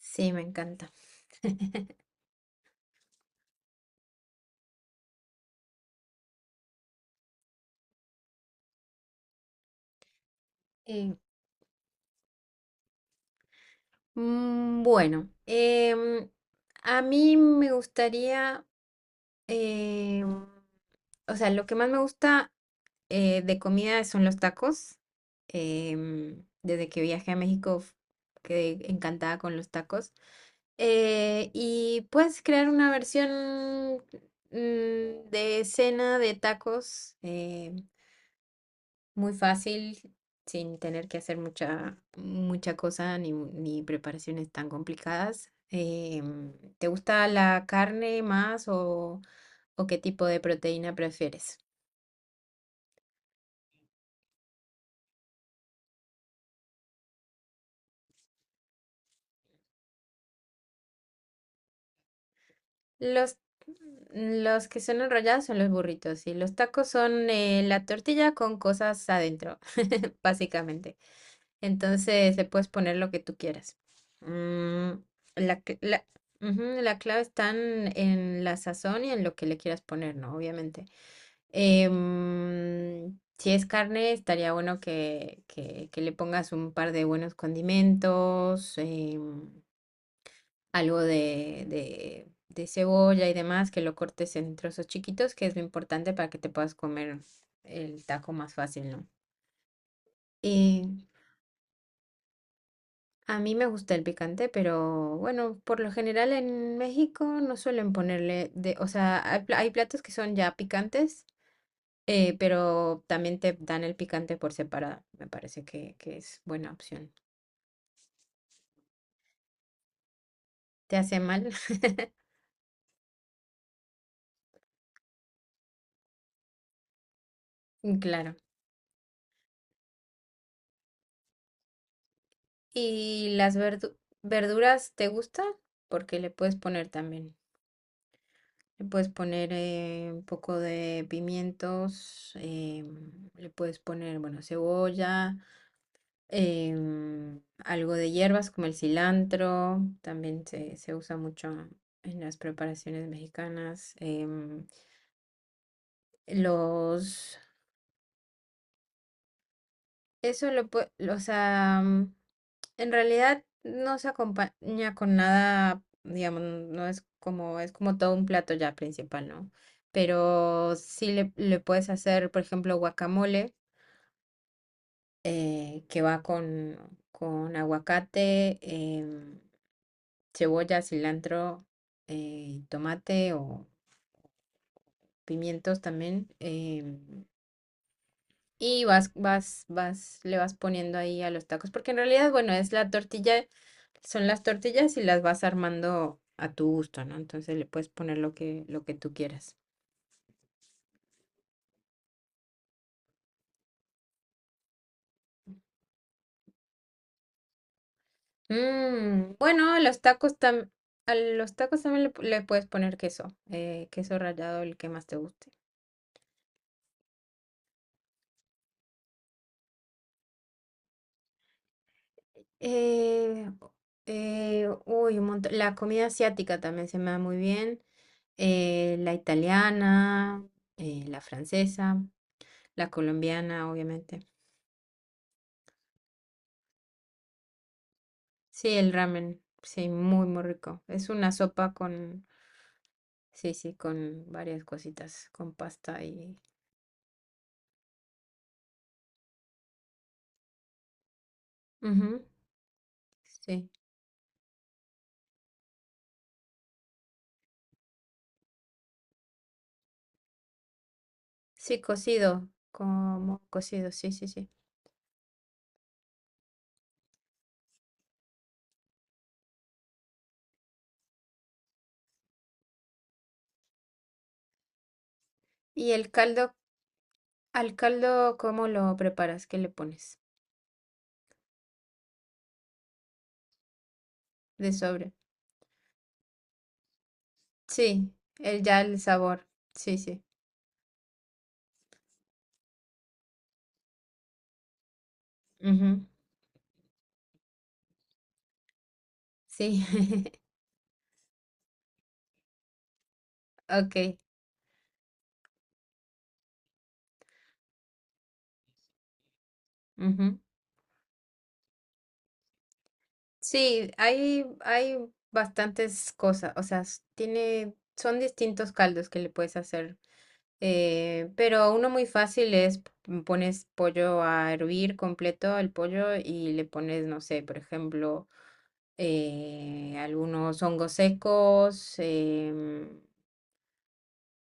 Sí, me encanta. Eh, mm, bueno, em, a mí me gustaría, em, o sea, lo que más me gusta de comida son los tacos. Desde que viajé a México quedé encantada con los tacos. Y puedes crear una versión de cena de tacos. Muy fácil, sin tener que hacer mucha cosa ni preparaciones tan complicadas. ¿Te gusta la carne más o qué tipo de proteína prefieres? Los, los que son enrollados son los burritos y los tacos son la tortilla con cosas adentro, básicamente. Entonces le puedes poner lo que tú quieras. Mm, la, cl- la, la clave está en la sazón y en lo que le quieras poner, ¿no? Obviamente. Si es carne, estaría bueno que le pongas un par de buenos condimentos, algo de cebolla y demás, que lo cortes en trozos chiquitos, que es lo importante para que te puedas comer el taco más fácil, ¿no? Eh, a mí me gusta el picante, pero bueno, por lo general en México no suelen ponerle o sea, hay platos que son ya picantes. Pero también te dan el picante por separado. Me parece que es buena opción. ¿Te hace mal? Claro. ¿Y las verdu- Verduras te gusta? Porque le puedes poner también. Le puedes poner un poco de pimientos, le puedes poner, bueno, cebolla, algo de hierbas como el cilantro, también se usa mucho en las preparaciones mexicanas. Em, los Eso lo puede, o sea, en realidad no se acompaña con nada, digamos, no es como, es como todo un plato ya principal, ¿no? Pero sí le puedes hacer, por ejemplo, guacamole, que va con aguacate, cebolla, cilantro, tomate o pimientos también. Y le vas poniendo ahí a los tacos, porque en realidad, bueno, es la tortilla, son las tortillas y las vas armando a tu gusto, ¿no? Entonces le puedes poner lo lo que tú quieras. Mm, bueno, a los tacos tam- a los tacos también le puedes poner queso, queso rallado, el que más te guste. Eh, un montón. La comida asiática también se me da muy bien. La italiana, la francesa, la colombiana, obviamente. Sí, el ramen, sí, muy rico. Es una sopa con, sí, sí, con varias cositas, con pasta y... Ujú, sí, sí, cocido, como cocido, sí, sí, sí. ¿Y el caldo, al caldo, cómo lo preparas? ¿Qué le pones? De sobre. Sí, el, ya el sabor, sí, sí. Ujú, sí, ok. Ujú. Sí, hay bastantes cosas, o sea, tiene, son distintos caldos que le puedes hacer. Pero uno muy fácil es pones pollo a hervir completo el pollo y le pones, no sé, por ejemplo, algunos hongos secos, em,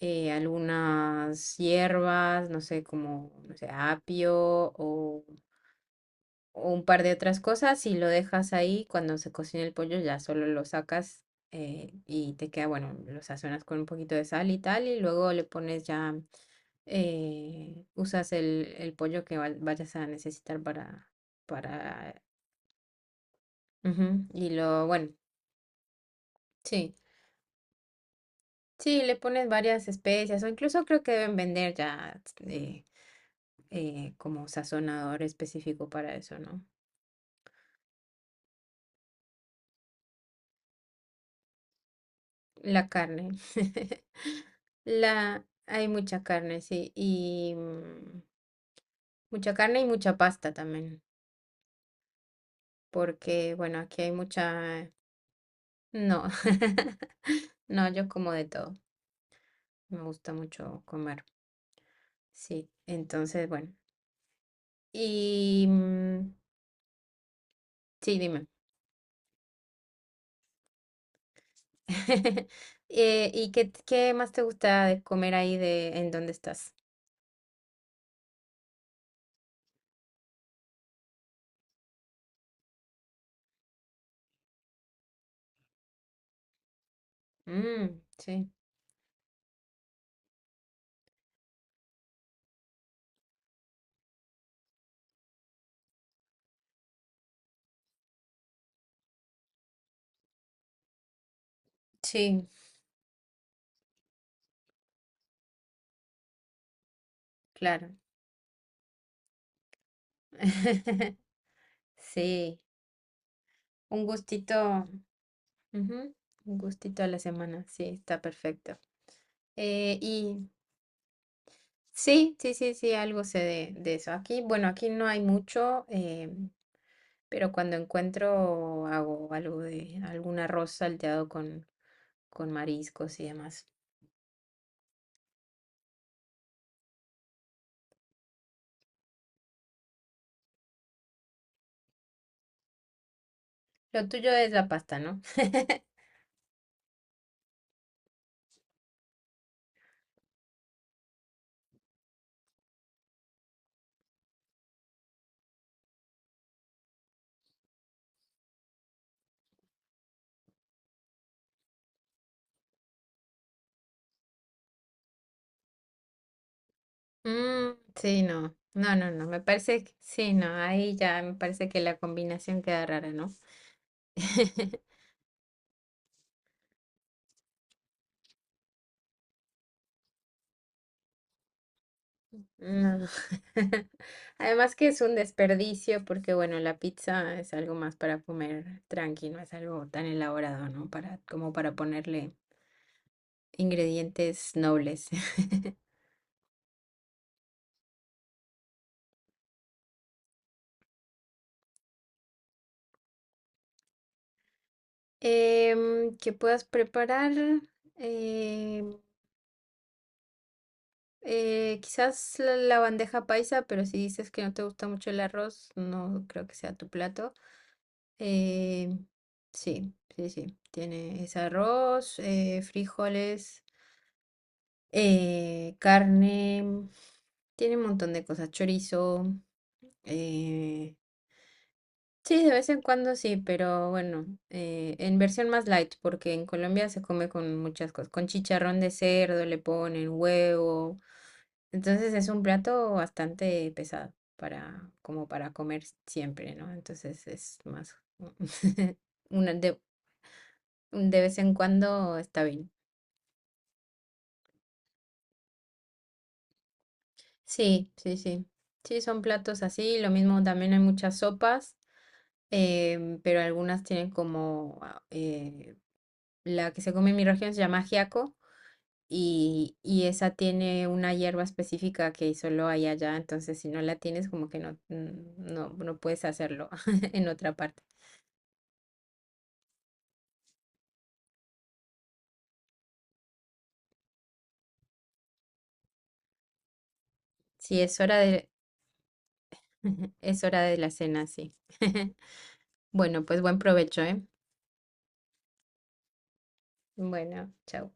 eh, algunas hierbas, no sé, como, no sé, apio o un par de otras cosas y lo dejas ahí. Cuando se cocina el pollo ya solo lo sacas y te queda, bueno, lo sazonas con un poquito de sal y tal y luego le pones ya usas el pollo que vayas a necesitar para, ujú, y lo, bueno, sí, sí, le pones varias especias o incluso creo que deben vender ya eh, como sazonador específico para eso, ¿no? La carne, la, hay mucha carne, sí, y mucha carne y mucha pasta también, porque, bueno, aquí hay mucha, no, no, yo como de todo, me gusta mucho comer. Sí, entonces, bueno. Y mm, sí, dime. ¿Y qué más te gusta de comer ahí de en dónde estás? Mm, sí, sí, claro. Sí, un gustito, ujú, un gustito a la semana, sí, está perfecto. Eh, y Sí, sí, sí, sí, algo sé de eso. Aquí, bueno, aquí no hay mucho, pero cuando encuentro hago algo de algún arroz salteado con mariscos y demás. Lo tuyo es la pasta, ¿no? Sí, no, no, no, no, me parece que sí, no, ahí ya me parece que la combinación queda rara, ¿no? No. Además que es un desperdicio porque, bueno, la pizza es algo más para comer tranqui, no es algo tan elaborado, ¿no? Para, como para ponerle ingredientes nobles. Que puedas preparar em, quizás la bandeja paisa, pero si dices que no te gusta mucho el arroz, no creo que sea tu plato. Em, sí, sí, sí. Tiene ese arroz, frijoles. Carne, tiene un montón de cosas, chorizo. eh, sí, de vez en cuando sí, pero bueno, en versión más light, porque en Colombia se come con muchas cosas, con chicharrón de cerdo, le ponen huevo. Entonces es un plato bastante pesado para, como para comer siempre, ¿no? Entonces es más, una de vez en cuando está bien. Sí, sí, sí. Sí, son platos así. Lo mismo también hay muchas sopas. Pero algunas tienen como, la que se come en mi región se llama ajiaco y esa tiene una hierba específica que solo hay allá, entonces si no la tienes como que no, no, no puedes hacerlo en otra parte. Sí, es hora de, es hora de la cena, sí. Bueno, pues buen provecho, ¿eh? Bueno, chao.